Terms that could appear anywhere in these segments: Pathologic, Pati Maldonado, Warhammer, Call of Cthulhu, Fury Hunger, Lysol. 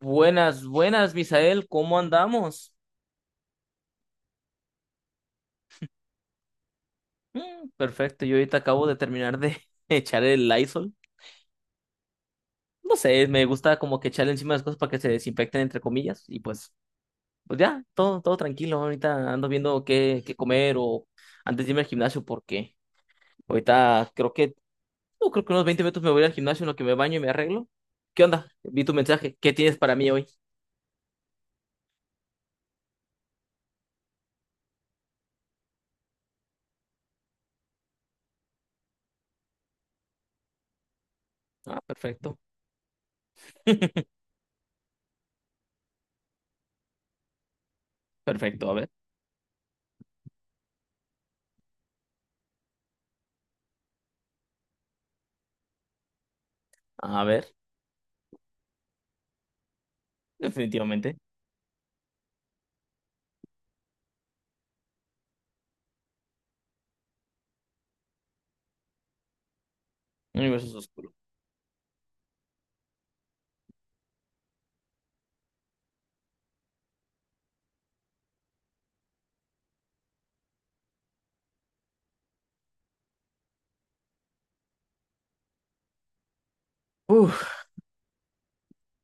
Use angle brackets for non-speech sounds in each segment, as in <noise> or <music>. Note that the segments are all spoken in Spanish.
Buenas, buenas, Misael, ¿cómo andamos? Perfecto, yo ahorita acabo de terminar de <laughs> echar el Lysol. No sé, me gusta como que echarle encima las cosas para que se desinfecten, entre comillas, y pues, pues ya, todo tranquilo. Ahorita ando viendo qué comer o antes de irme al gimnasio, porque ahorita creo que, no, creo que unos 20 minutos me voy al gimnasio en lo que me baño y me arreglo. ¿Qué onda? Vi tu mensaje, ¿qué tienes para mí hoy? Ah, perfecto, <laughs> perfecto, a ver, definitivamente, universo oscuro.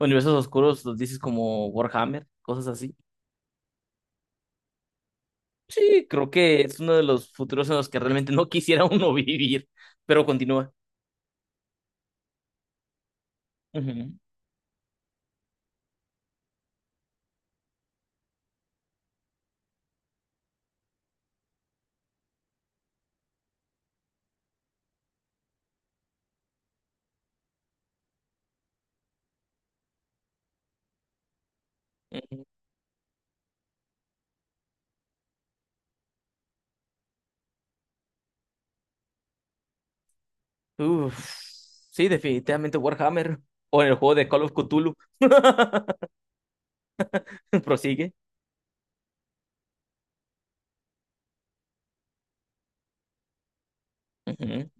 Universos oscuros, los dices como Warhammer, cosas así. Sí, creo que es uno de los futuros en los que realmente no quisiera uno <laughs> vivir, pero continúa. Ujú, ujú. Uf, sí, definitivamente Warhammer. O en el juego de Call of Cthulhu, <laughs> prosigue. Ujú,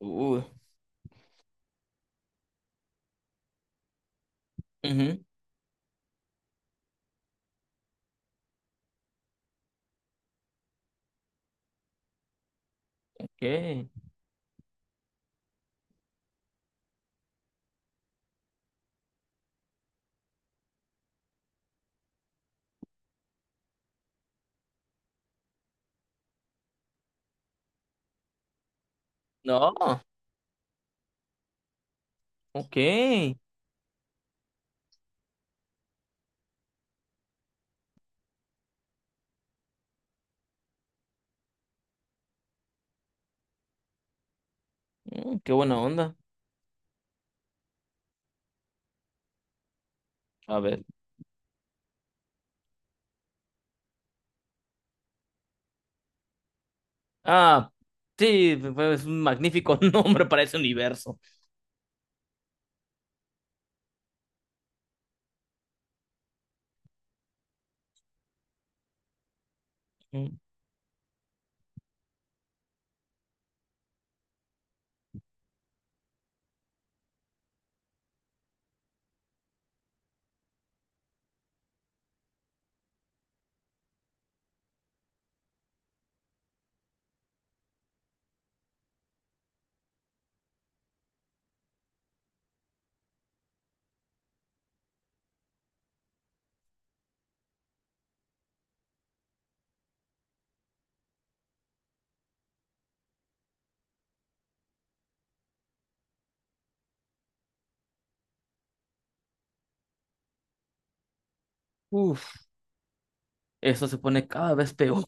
uh, ujú, ok. No, ok. Qué buena onda. A ver. Ah, sí, pues, es un magnífico <laughs> nombre para ese universo. Mm, Uf, eso se pone cada vez peor.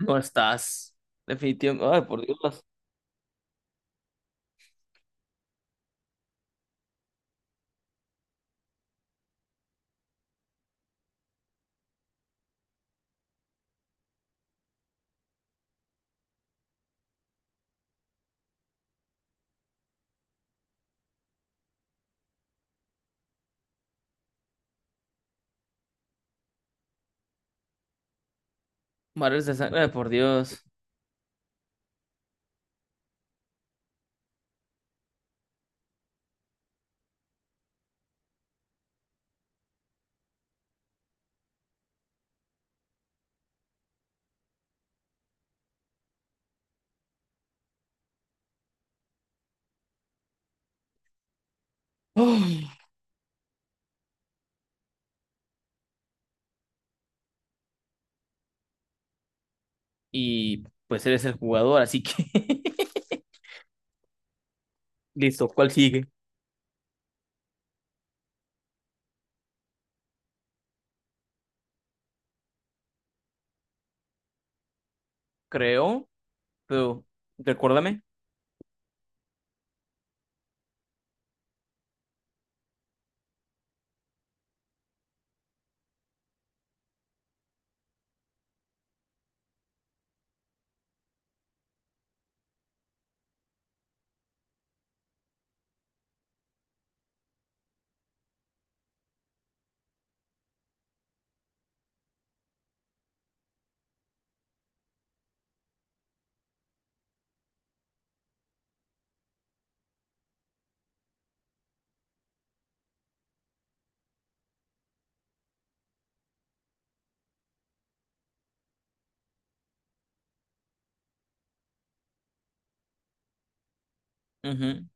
No estás. Definitivamente. Ay, por Dios. Mares de sangre. Ay, por Dios. Ay, y pues eres el jugador, así que. <laughs> Listo, ¿cuál sigue? Creo, pero recuérdame. Ujú.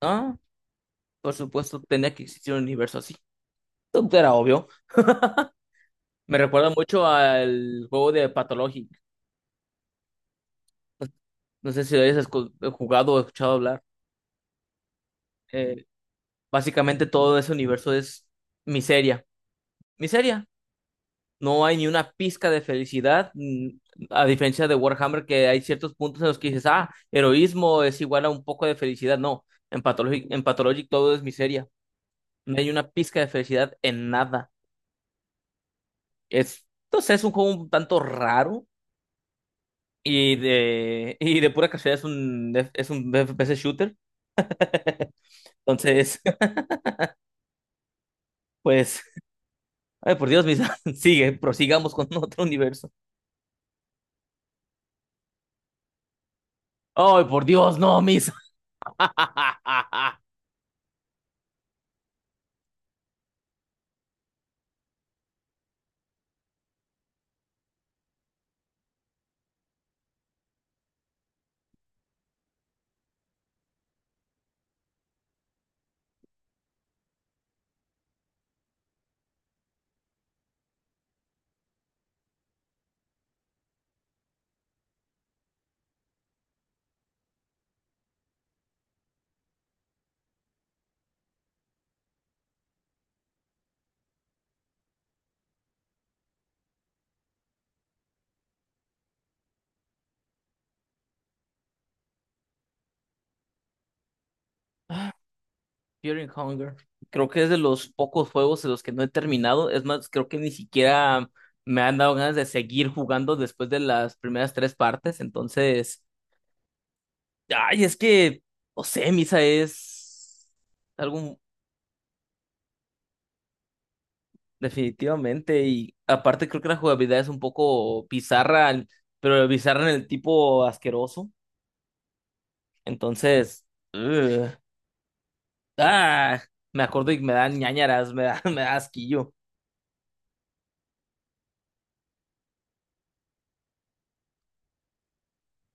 Ah, por supuesto, tenía que existir un universo así. Esto era obvio. Me recuerda mucho al juego de Pathologic. <laughs> No sé si lo hayas escu- jugado o escuchado hablar. Eh, básicamente todo ese universo es miseria. Miseria. No hay ni una pizca de felicidad, a diferencia de Warhammer, que hay ciertos puntos en los que dices, ah, heroísmo es igual a un poco de felicidad. No, en Pathologic todo es miseria. No hay una pizca de felicidad en nada. Es, entonces es un juego un tanto raro y de, <laughs> y de pura casualidad es un FPS shooter. Entonces, <laughs> pues, ay, por Dios, Misa, <laughs> sigue, prosigamos con otro universo. Ay, por Dios, no, Misa. <laughs> Fury Hunger. Creo que es de los pocos juegos en los que no he terminado. Es más, creo que ni siquiera me han dado ganas de seguir jugando después de las primeras tres partes. Entonces, ay, es que, no sé, Misa es algo definitivamente. Y aparte, creo que la jugabilidad es un poco bizarra, pero bizarra en el tipo asqueroso. Entonces, ugh. Ah, me acuerdo y me dan ñáñaras, me da, <laughs> me da asquillo.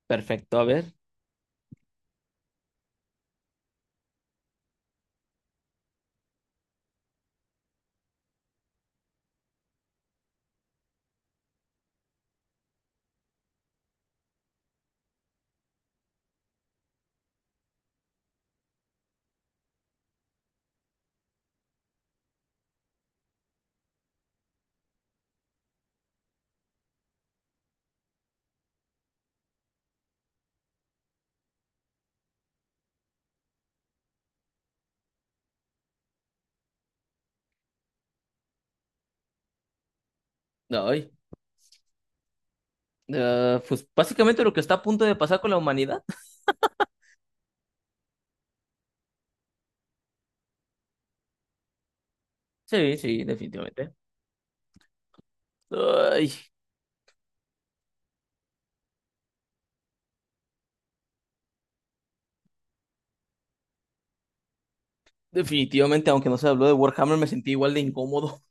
Perfecto, a ver. Ay. Ah, pues básicamente lo que está a punto de pasar con la humanidad. Sí, sí, definitivamente. Ay, definitivamente, aunque no se habló de Warhammer, me sentí igual de incómodo.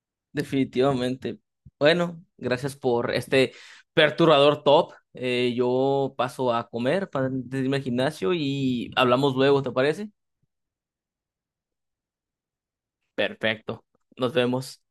<laughs> Definitivamente. Bueno, gracias por este perturbador top. Yo paso a comer para irme al gimnasio y hablamos luego, ¿te parece? Perfecto. Nos vemos.